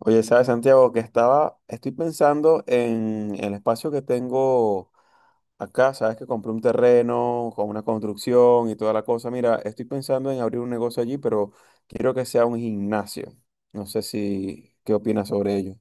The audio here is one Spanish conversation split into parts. Oye, ¿sabes, Santiago? Estoy pensando en el espacio que tengo acá. Sabes que compré un terreno con una construcción y toda la cosa. Mira, estoy pensando en abrir un negocio allí, pero quiero que sea un gimnasio. No sé si, ¿Qué opinas sobre ello?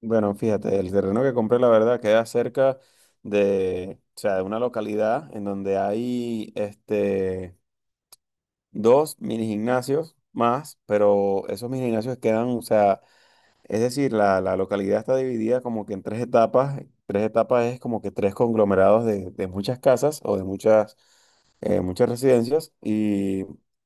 Bueno, fíjate, el terreno que compré, la verdad, queda cerca de, o sea, de una localidad en donde hay dos mini gimnasios más, pero esos mini gimnasios quedan, o sea, es decir, la localidad está dividida como que en tres etapas. Tres etapas es como que tres conglomerados de muchas casas o de muchas, muchas residencias. Y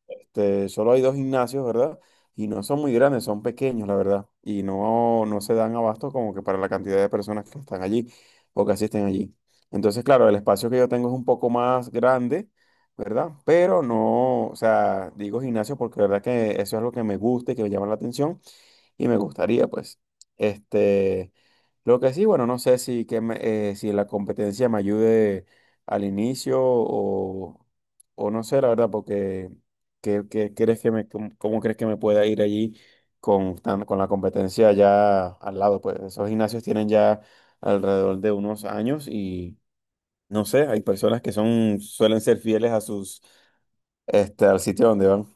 solo hay dos gimnasios, ¿verdad? Y no son muy grandes, son pequeños, la verdad. Y no se dan abasto como que para la cantidad de personas que están allí o que asisten allí. Entonces, claro, el espacio que yo tengo es un poco más grande, ¿verdad? Pero no, o sea, digo gimnasio porque la verdad que eso es lo que me gusta y que me llama la atención y me gustaría, pues. Este, lo que sí, bueno, no sé si, que me- si la competencia me ayude al inicio o no sé, la verdad, porque ¿qué, qué crees que me, cómo, ¿cómo crees que me pueda ir allí con, con la competencia ya al lado? Pues esos gimnasios tienen ya alrededor de unos años y no sé, hay personas que son, suelen ser fieles a sus, al sitio donde van.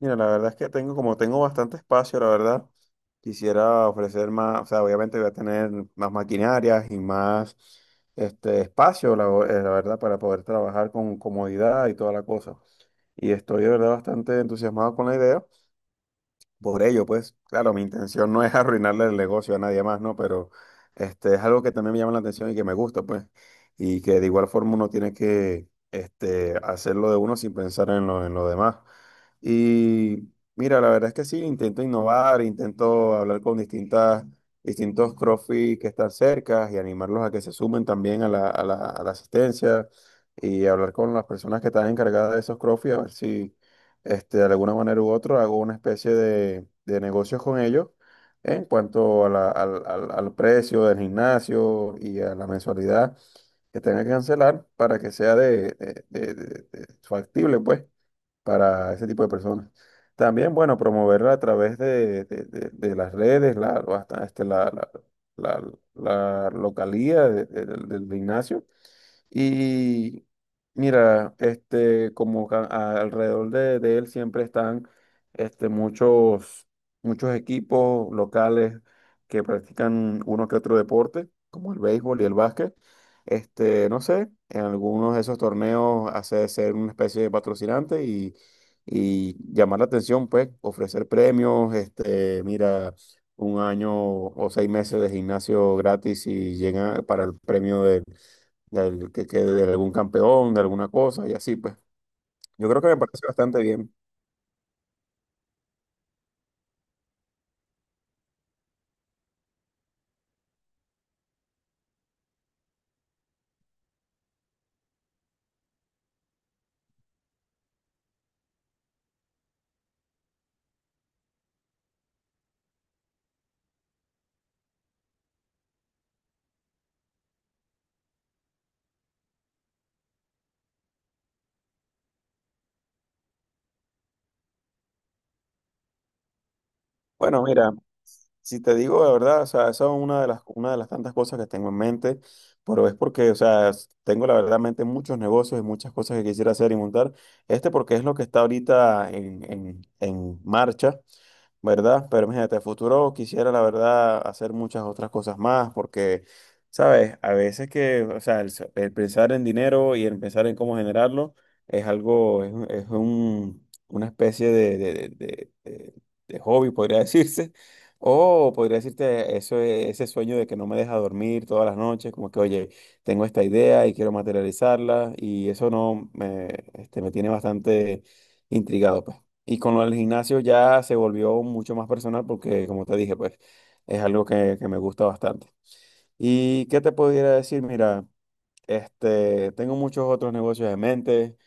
Mira, la verdad es que tengo, como tengo bastante espacio, la verdad, quisiera ofrecer más, o sea, obviamente voy a tener más maquinarias y más este espacio, la verdad, para poder trabajar con comodidad y toda la cosa. Y estoy de verdad bastante entusiasmado con la idea. Por ello, pues, claro, mi intención no es arruinarle el negocio a nadie más, ¿no? Pero es algo que también me llama la atención y que me gusta, pues, y que de igual forma uno tiene que hacerlo de uno sin pensar en en lo demás. Y mira, la verdad es que sí, intento innovar, intento hablar con distintos CrossFit que están cerca y animarlos a que se sumen también a a la asistencia, y hablar con las personas que están encargadas de esos CrossFit, a ver si de alguna manera u otra, hago una especie de negocios con ellos en cuanto a al precio del gimnasio y a la mensualidad que tenga que cancelar para que sea factible, pues, para ese tipo de personas. También, bueno, promoverla a través de las redes, la, hasta- este, la- la localía del gimnasio. Y mira, como alrededor de él siempre están este, muchos, muchos equipos locales que practican uno que otro deporte, como el béisbol y el básquet. No sé, en algunos de esos torneos hace ser una especie de patrocinante y llamar la atención, pues, ofrecer premios, mira, un año o seis meses de gimnasio gratis y llega para el premio que de algún campeón, de alguna cosa y así, pues. Yo creo que me parece bastante bien. Bueno, mira, si te digo la verdad, o sea, esa es una de las tantas cosas que tengo en mente, pero es porque, o sea, tengo la verdad en mente muchos negocios y muchas cosas que quisiera hacer y montar. Este porque es lo que está ahorita en, en marcha. ¿Verdad? Pero imagínate, a futuro quisiera, la verdad, hacer muchas otras cosas más, porque, ¿sabes? A veces que, o sea, el pensar en dinero y el pensar en cómo generarlo es algo, una especie de hobby, podría decirse. O podría decirte eso, ese sueño de que no me deja dormir todas las noches, como que, oye, tengo esta idea y quiero materializarla, y eso no me, me tiene bastante intrigado, pues. Y con lo del gimnasio ya se volvió mucho más personal porque, como te dije, pues es algo que me gusta bastante. ¿Y qué te pudiera decir? Mira, tengo muchos otros negocios en mente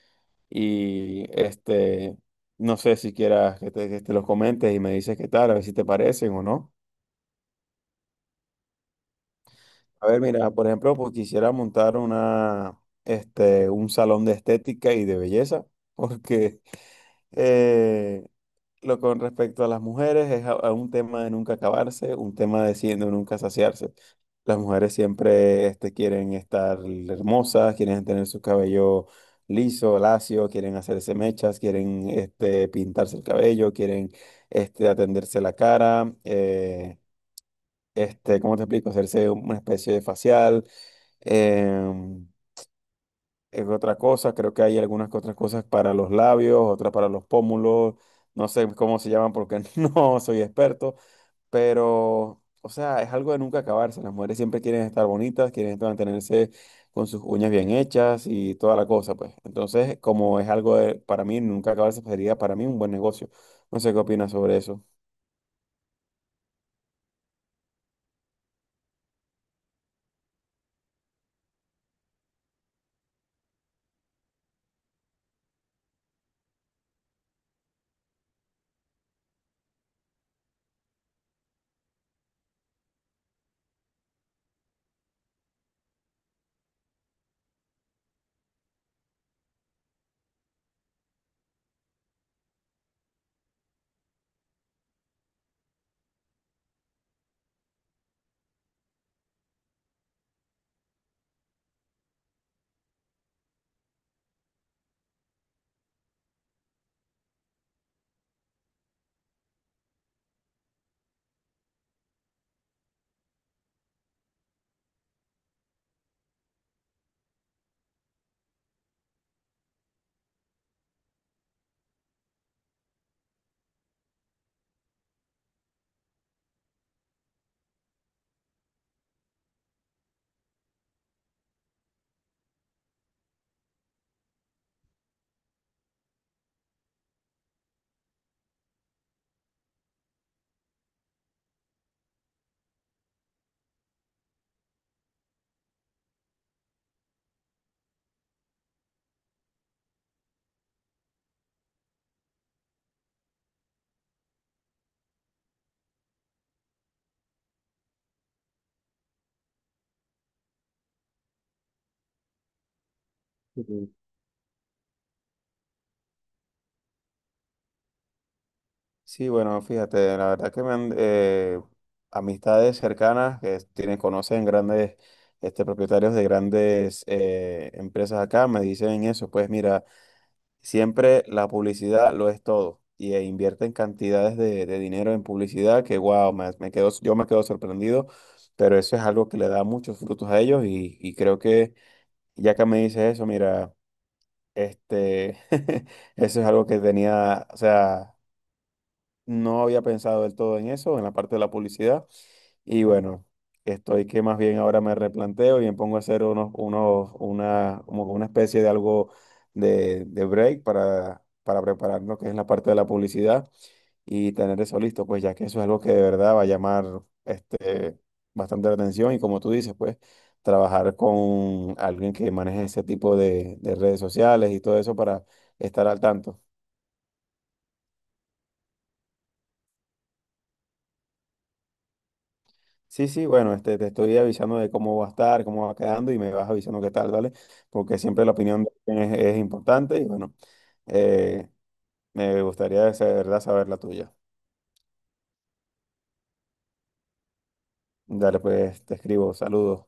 y este, no sé si quieras que te los comentes y me dices qué tal, a ver si te parecen o no. A ver, mira, por ejemplo, pues quisiera montar un salón de estética y de belleza porque eh, lo con respecto a las mujeres es a un tema de nunca acabarse, un tema de siendo nunca saciarse. Las mujeres siempre quieren estar hermosas, quieren tener su cabello liso, lacio, quieren hacerse mechas, quieren pintarse el cabello, quieren atenderse la cara, ¿cómo te explico? Hacerse una especie de facial. em, es otra cosa, creo que hay algunas que otras cosas para los labios, otras para los pómulos, no sé cómo se llaman porque no soy experto, pero, o sea, es algo de nunca acabarse, las mujeres siempre quieren estar bonitas, quieren estar- mantenerse con sus uñas bien hechas y toda la cosa, pues. Entonces, como es algo de- para mí, nunca acabarse, pues, sería para mí un buen negocio. No sé qué opinas sobre eso. Sí. Sí, bueno, fíjate, la verdad que me han, amistades cercanas que tienen, conocen grandes propietarios de grandes empresas acá me dicen eso, pues mira, siempre la publicidad lo es todo y invierten cantidades de dinero en publicidad que wow, me quedo, yo me quedo sorprendido, pero eso es algo que le da muchos frutos a ellos y creo que ya que me dices eso, mira, este, eso es algo que tenía, o sea... No había pensado del todo en eso, en la parte de la publicidad. Y bueno, estoy que más bien ahora me replanteo y me pongo a hacer como una especie de algo de break para preparar lo que es la parte de la publicidad y tener eso listo, pues ya que eso es algo que de verdad va a llamar este, bastante la atención y como tú dices, pues trabajar con alguien que maneje ese tipo de redes sociales y todo eso para estar al tanto. Sí, sí, bueno, te estoy avisando de cómo va a estar, cómo va quedando y me vas avisando qué tal, ¿vale? Porque siempre la opinión de alguien es importante y bueno, eh, me gustaría de verdad saber la tuya. Dale, pues te escribo, saludos.